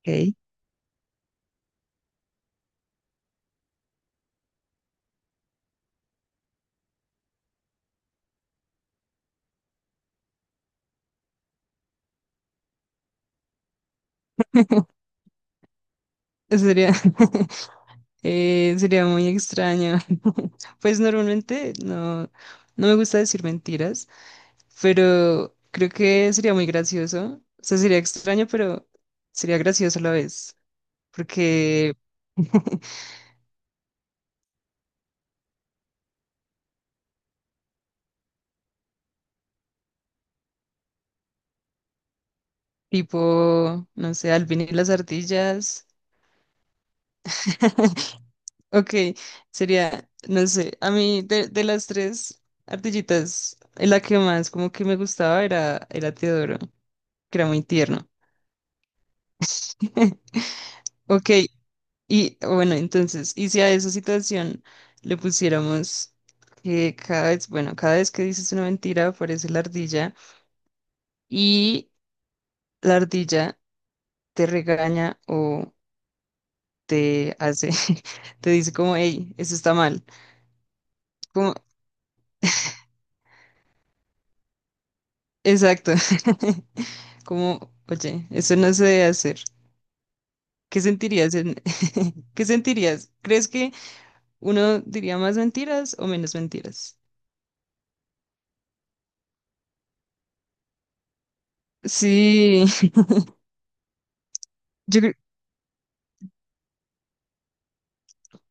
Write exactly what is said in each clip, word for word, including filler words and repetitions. Ok. Eso sería, eh, sería muy extraño. Pues normalmente no, no me gusta decir mentiras, pero creo que sería muy gracioso. O sea, sería extraño, pero sería gracioso a la vez, porque tipo, no sé, al vinil las ardillas. Ok, sería, no sé, a mí de, de las tres ardillitas, la que más como que me gustaba era, era Teodoro, que era muy tierno. Ok, y bueno, entonces, y si a esa situación le pusiéramos que cada vez, bueno, cada vez que dices una mentira aparece la ardilla y la ardilla te regaña o te hace, te dice como, hey, eso está mal. Exacto. Como, oye, eso no se debe hacer. ¿Qué sentirías en... ¿Qué sentirías? ¿Crees que uno diría más mentiras o menos mentiras? Sí, yo creo-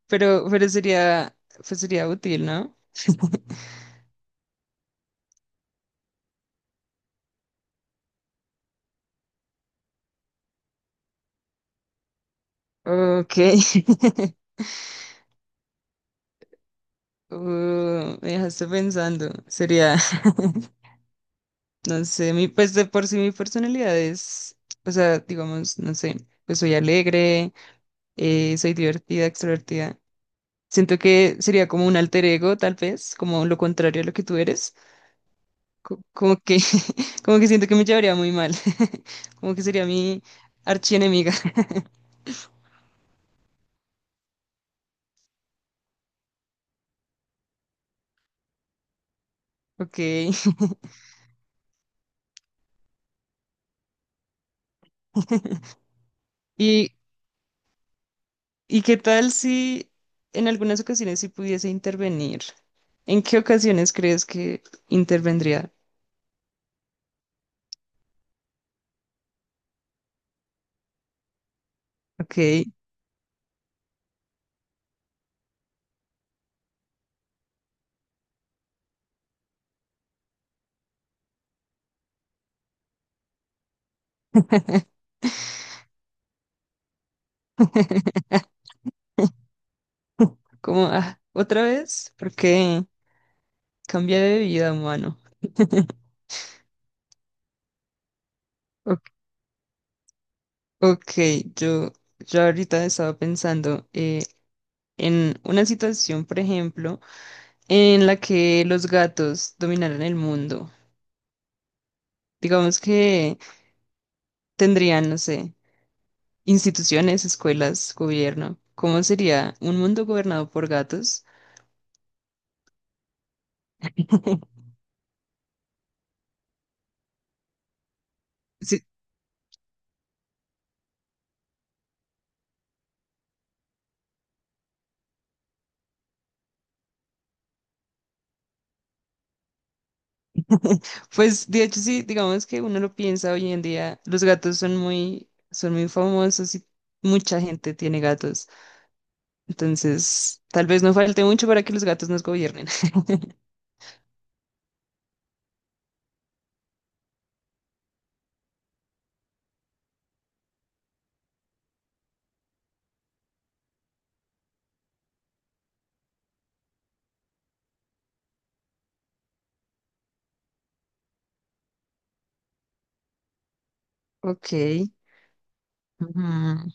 pero, pero sería, pues sería útil, ¿no? Ok. Uh, me dejaste pensando. Sería, no sé, mi, pues de por sí mi personalidad es, o sea, digamos, no sé, pues soy alegre, eh, soy divertida, extrovertida. Siento que sería como un alter ego, tal vez, como lo contrario a lo que tú eres. Co- como que, como que siento que me llevaría muy mal. Como que sería mi archienemiga. Ok. ¿Y, y qué tal si en algunas ocasiones sí pudiese intervenir? ¿En qué ocasiones crees que intervendría? Ok. Como, ah, ¿otra vez? Porque cambia de vida, humano. Ok, ok, yo, yo ahorita estaba pensando. Eh, en una situación, por ejemplo, en la que los gatos dominaran el mundo. Digamos que tendrían, no sé, instituciones, escuelas, gobierno. ¿Cómo sería un mundo gobernado por gatos? Sí, pues de hecho sí, digamos que uno lo piensa hoy en día, los gatos son muy, son muy famosos y mucha gente tiene gatos. Entonces, tal vez no falte mucho para que los gatos nos gobiernen. Ok. Ujú.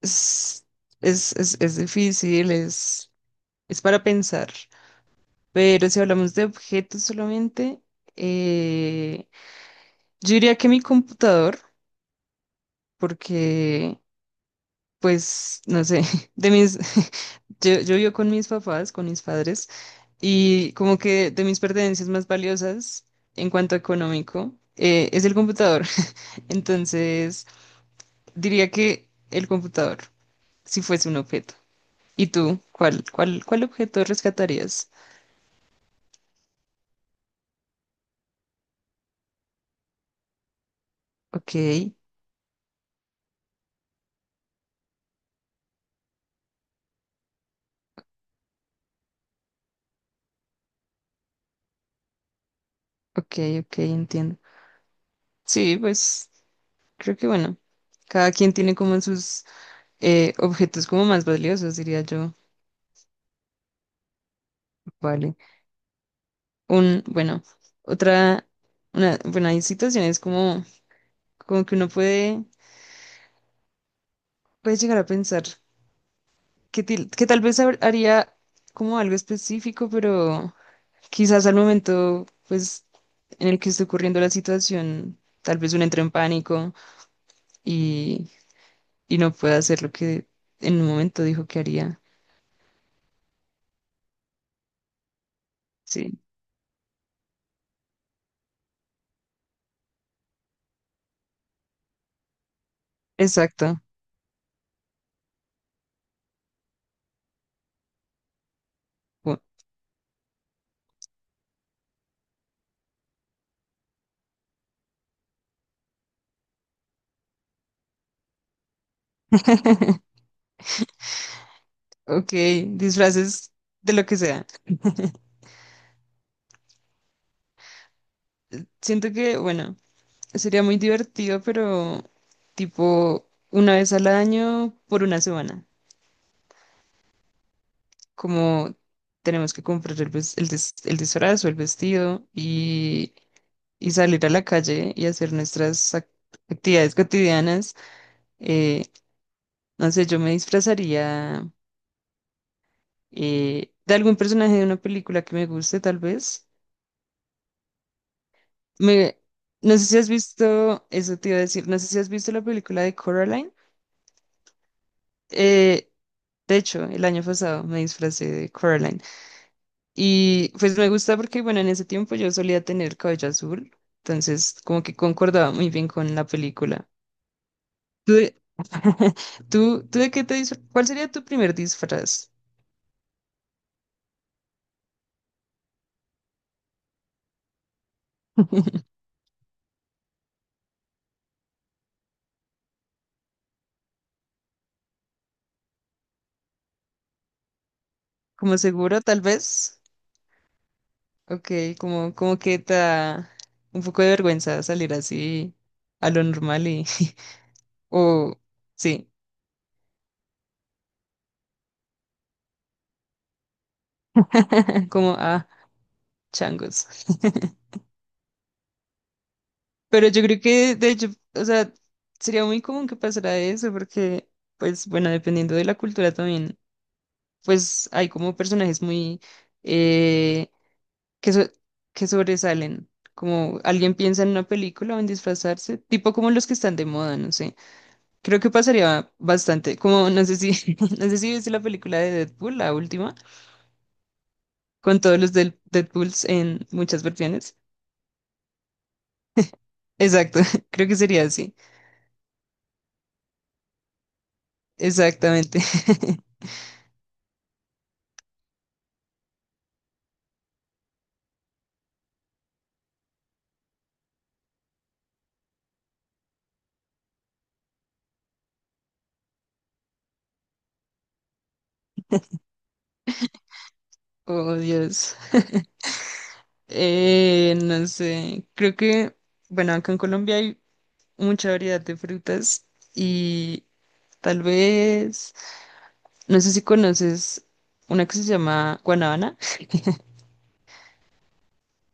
Es, es, es, es difícil, es, es para pensar. Pero si hablamos de objetos solamente, eh, yo diría que mi computador, porque, pues, no sé, de mis, yo, yo vivo con mis papás, con mis padres, y como que de mis pertenencias más valiosas en cuanto a económico, eh, es el computador. Entonces, diría que el computador, si fuese un objeto. ¿Y tú, cuál, cuál, cuál objeto rescatarías? Ok, ok, ok, entiendo. Sí, pues creo que bueno, cada quien tiene como sus eh, objetos como más valiosos, diría yo. Vale. Un, bueno, otra, una, Bueno, hay situaciones como, como que uno puede, puede llegar a pensar que, til- que tal vez habr- haría como algo específico, pero quizás al momento, pues, en el que esté ocurriendo la situación, tal vez uno entre en pánico y, y no pueda hacer lo que en un momento dijo que haría. Sí, exacto. Bu- ok, disfraces de lo que sea. Siento que, bueno, sería muy divertido, pero tipo una vez al año por una semana. Como tenemos que comprar el, ves- el, dis- el disfraz o el vestido y y salir a la calle y hacer nuestras ac- actividades cotidianas. eh, no sé, yo me disfrazaría eh, de algún personaje de una película que me guste, tal vez. Me, no sé si has visto, eso te iba a decir, no sé si has visto la película de Coraline. Eh, de hecho, el año pasado me disfracé de Coraline. Y pues me gusta porque, bueno, en ese tiempo yo solía tener cabello azul, entonces como que concordaba muy bien con la película. ¿Tú, ¿Tú, tú de qué te disfra- cuál sería tu primer disfraz? ¿Como seguro, tal vez? Ok, como, como que te da un poco de vergüenza salir así a lo normal y... O sí, como ah, changos. Pero yo creo que, de hecho, o sea, sería muy común que pasara eso porque, pues, bueno, dependiendo de la cultura también, pues hay como personajes muy... eh, que, so- que sobresalen. Como alguien piensa en una película o en disfrazarse, tipo como los que están de moda, no sé. Creo que pasaría bastante, como no sé si, no sé si viste la película de Deadpool, la última, con todos los del Deadpools en muchas versiones. Exacto, creo que sería así. Exactamente. Oh, Dios. Eh, no sé, creo que, bueno, acá en Colombia hay mucha variedad de frutas y tal vez... No sé si conoces una que se llama guanábana.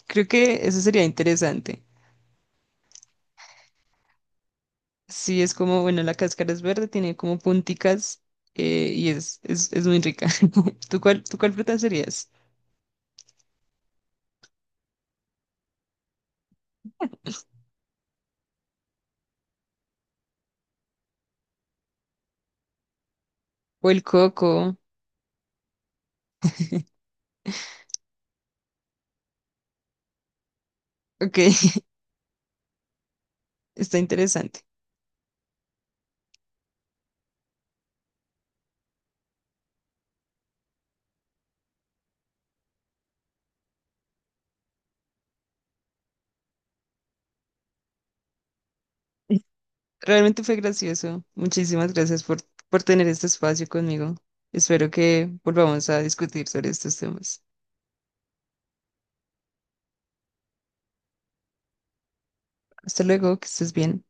Creo que eso sería interesante. Sí, es como, bueno, la cáscara es verde, tiene como punticas eh, y es, es, es, muy rica. ¿Tú cuál, tú cuál fruta serías? O el coco. Ok, está interesante. Realmente fue gracioso. Muchísimas gracias por, por tener este espacio conmigo. Espero que volvamos a discutir sobre estos temas. Hasta luego, que estés bien.